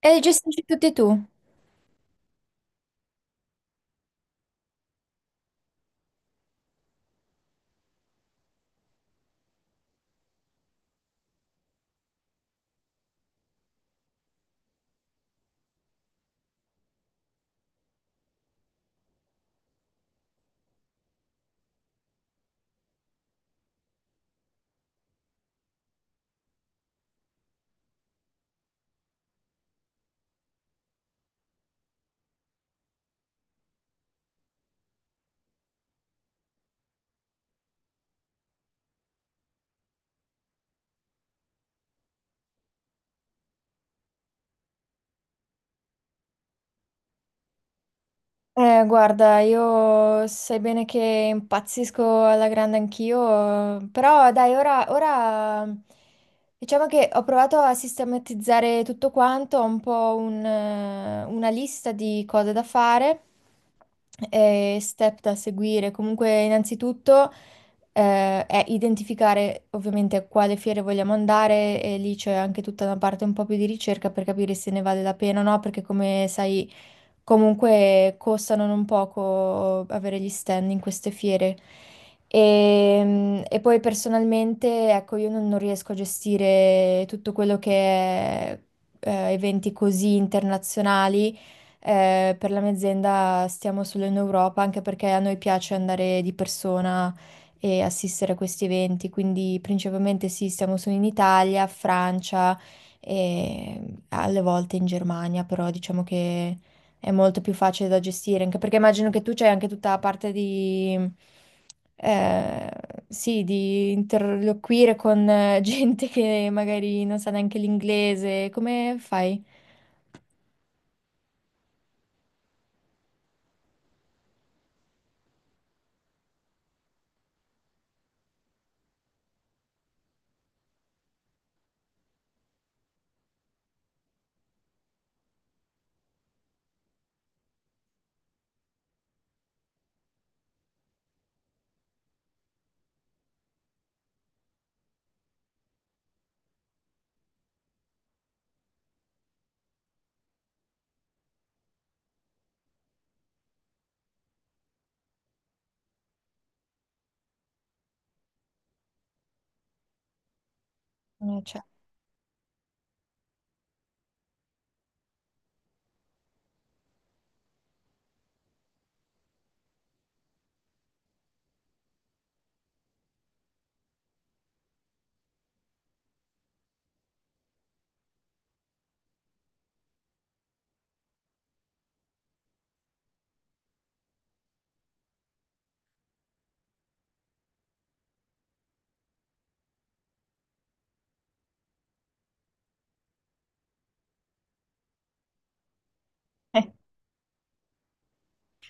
E li gestisci tutti tu? Guarda, io sai bene che impazzisco alla grande anch'io, però dai, ora diciamo che ho provato a sistematizzare tutto quanto, ho un po' una lista di cose da fare e step da seguire. Comunque, innanzitutto è identificare ovviamente a quale fiere vogliamo andare e lì c'è anche tutta una parte un po' più di ricerca per capire se ne vale la pena o no, perché come sai... Comunque costano non poco avere gli stand in queste fiere. E, poi personalmente, ecco, io non riesco a gestire tutto quello che è eventi così internazionali. Per la mia azienda stiamo solo in Europa, anche perché a noi piace andare di persona e assistere a questi eventi. Quindi principalmente sì, stiamo solo in Italia, Francia e alle volte in Germania, però diciamo che è molto più facile da gestire, anche perché immagino che tu c'hai anche tutta la parte di, eh, sì, di interloquire con gente che magari non sa neanche l'inglese. Come fai? Cioè.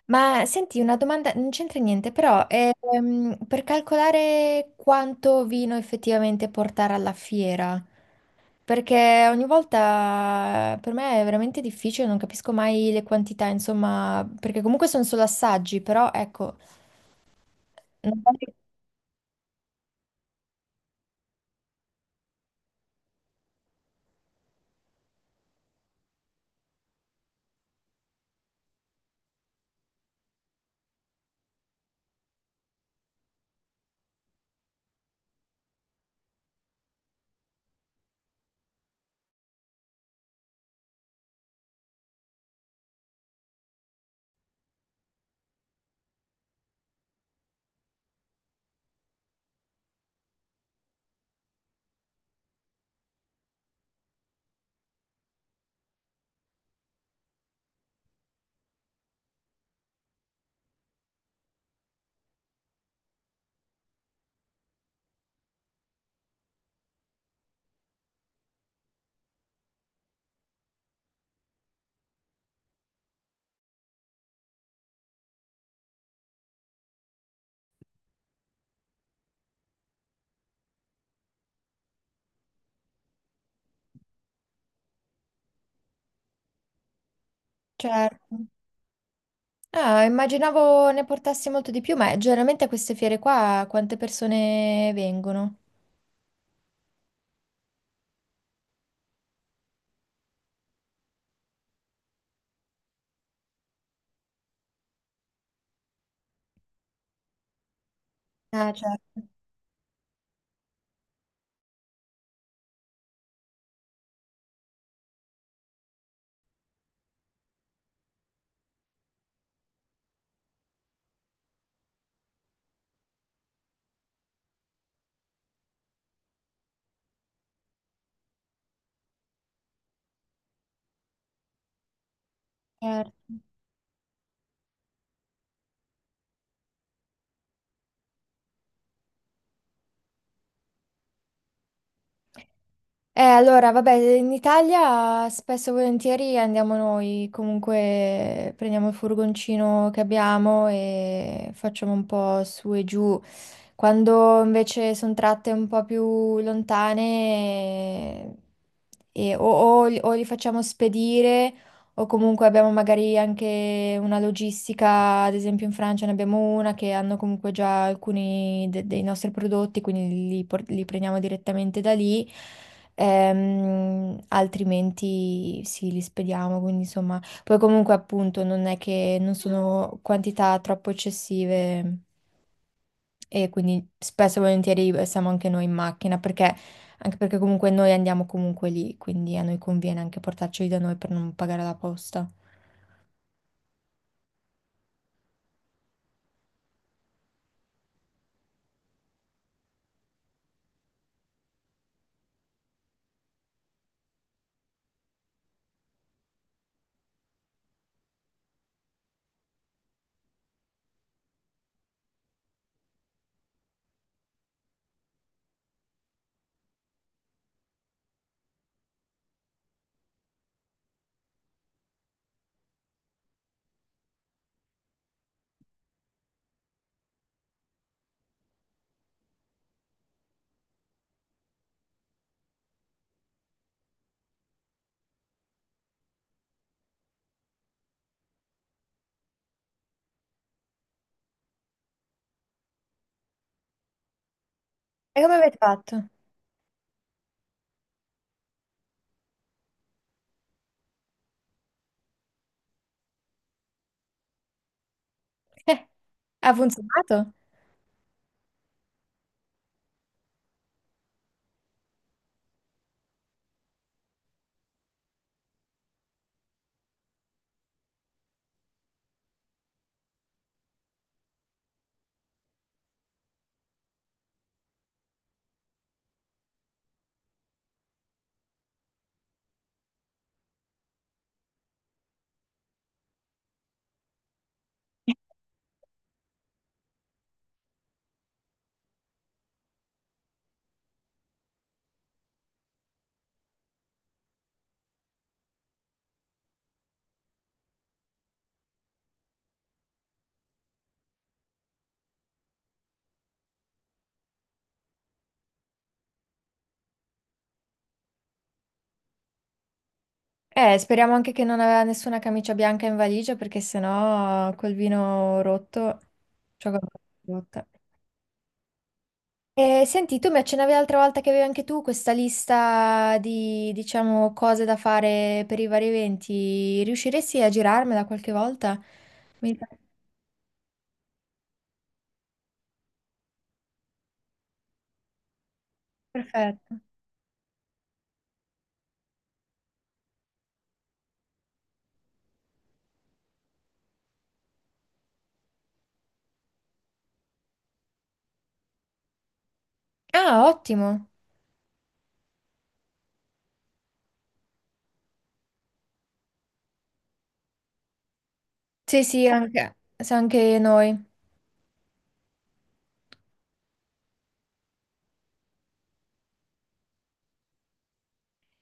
Ma senti, una domanda, non c'entra niente, però per calcolare quanto vino effettivamente portare alla fiera, perché ogni volta per me è veramente difficile, non capisco mai le quantità, insomma, perché comunque sono solo assaggi, però ecco, non- certo. Ah, immaginavo ne portassi molto di più, ma generalmente a queste fiere qua quante persone vengono? Ah, certo, certo. Allora, vabbè, in Italia spesso e volentieri andiamo noi, comunque prendiamo il furgoncino che abbiamo e facciamo un po' su e giù. Quando invece sono tratte un po' più lontane, o, o li facciamo spedire o comunque abbiamo magari anche una logistica, ad esempio in Francia ne abbiamo una che hanno comunque già alcuni dei nostri prodotti, quindi li prendiamo direttamente da lì. Altrimenti sì, li spediamo, quindi insomma, poi comunque appunto non è che non sono quantità troppo eccessive e quindi spesso e volentieri siamo anche noi in macchina perché, anche perché comunque noi andiamo comunque lì, quindi a noi conviene anche portarceli da noi per non pagare la posta. E come avete fatto? Eh, ha funzionato? Speriamo anche che non aveva nessuna camicia bianca in valigia perché sennò col vino rotto, cioè con la rotta. Senti, tu mi accennavi l'altra volta che avevi anche tu questa lista di, diciamo, cose da fare per i vari eventi. Riusciresti a girarmela qualche volta? Mi pare perfetto. Ah, ottimo. Sì, sì, anche noi.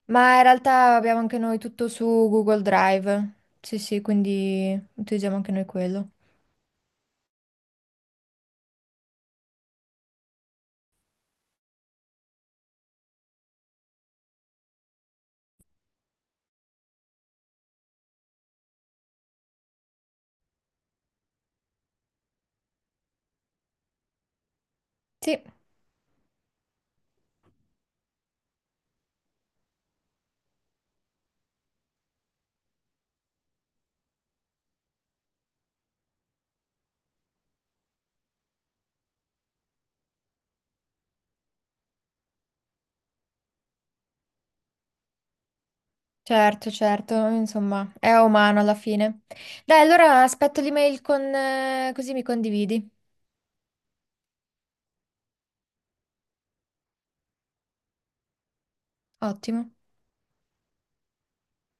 Ma in realtà abbiamo anche noi tutto su Google Drive. Sì, sì, quindi utilizziamo anche noi quello. Sì, certo, certo, insomma, è umano alla fine. Dai, allora aspetto l'email con, così mi condividi. Ottimo.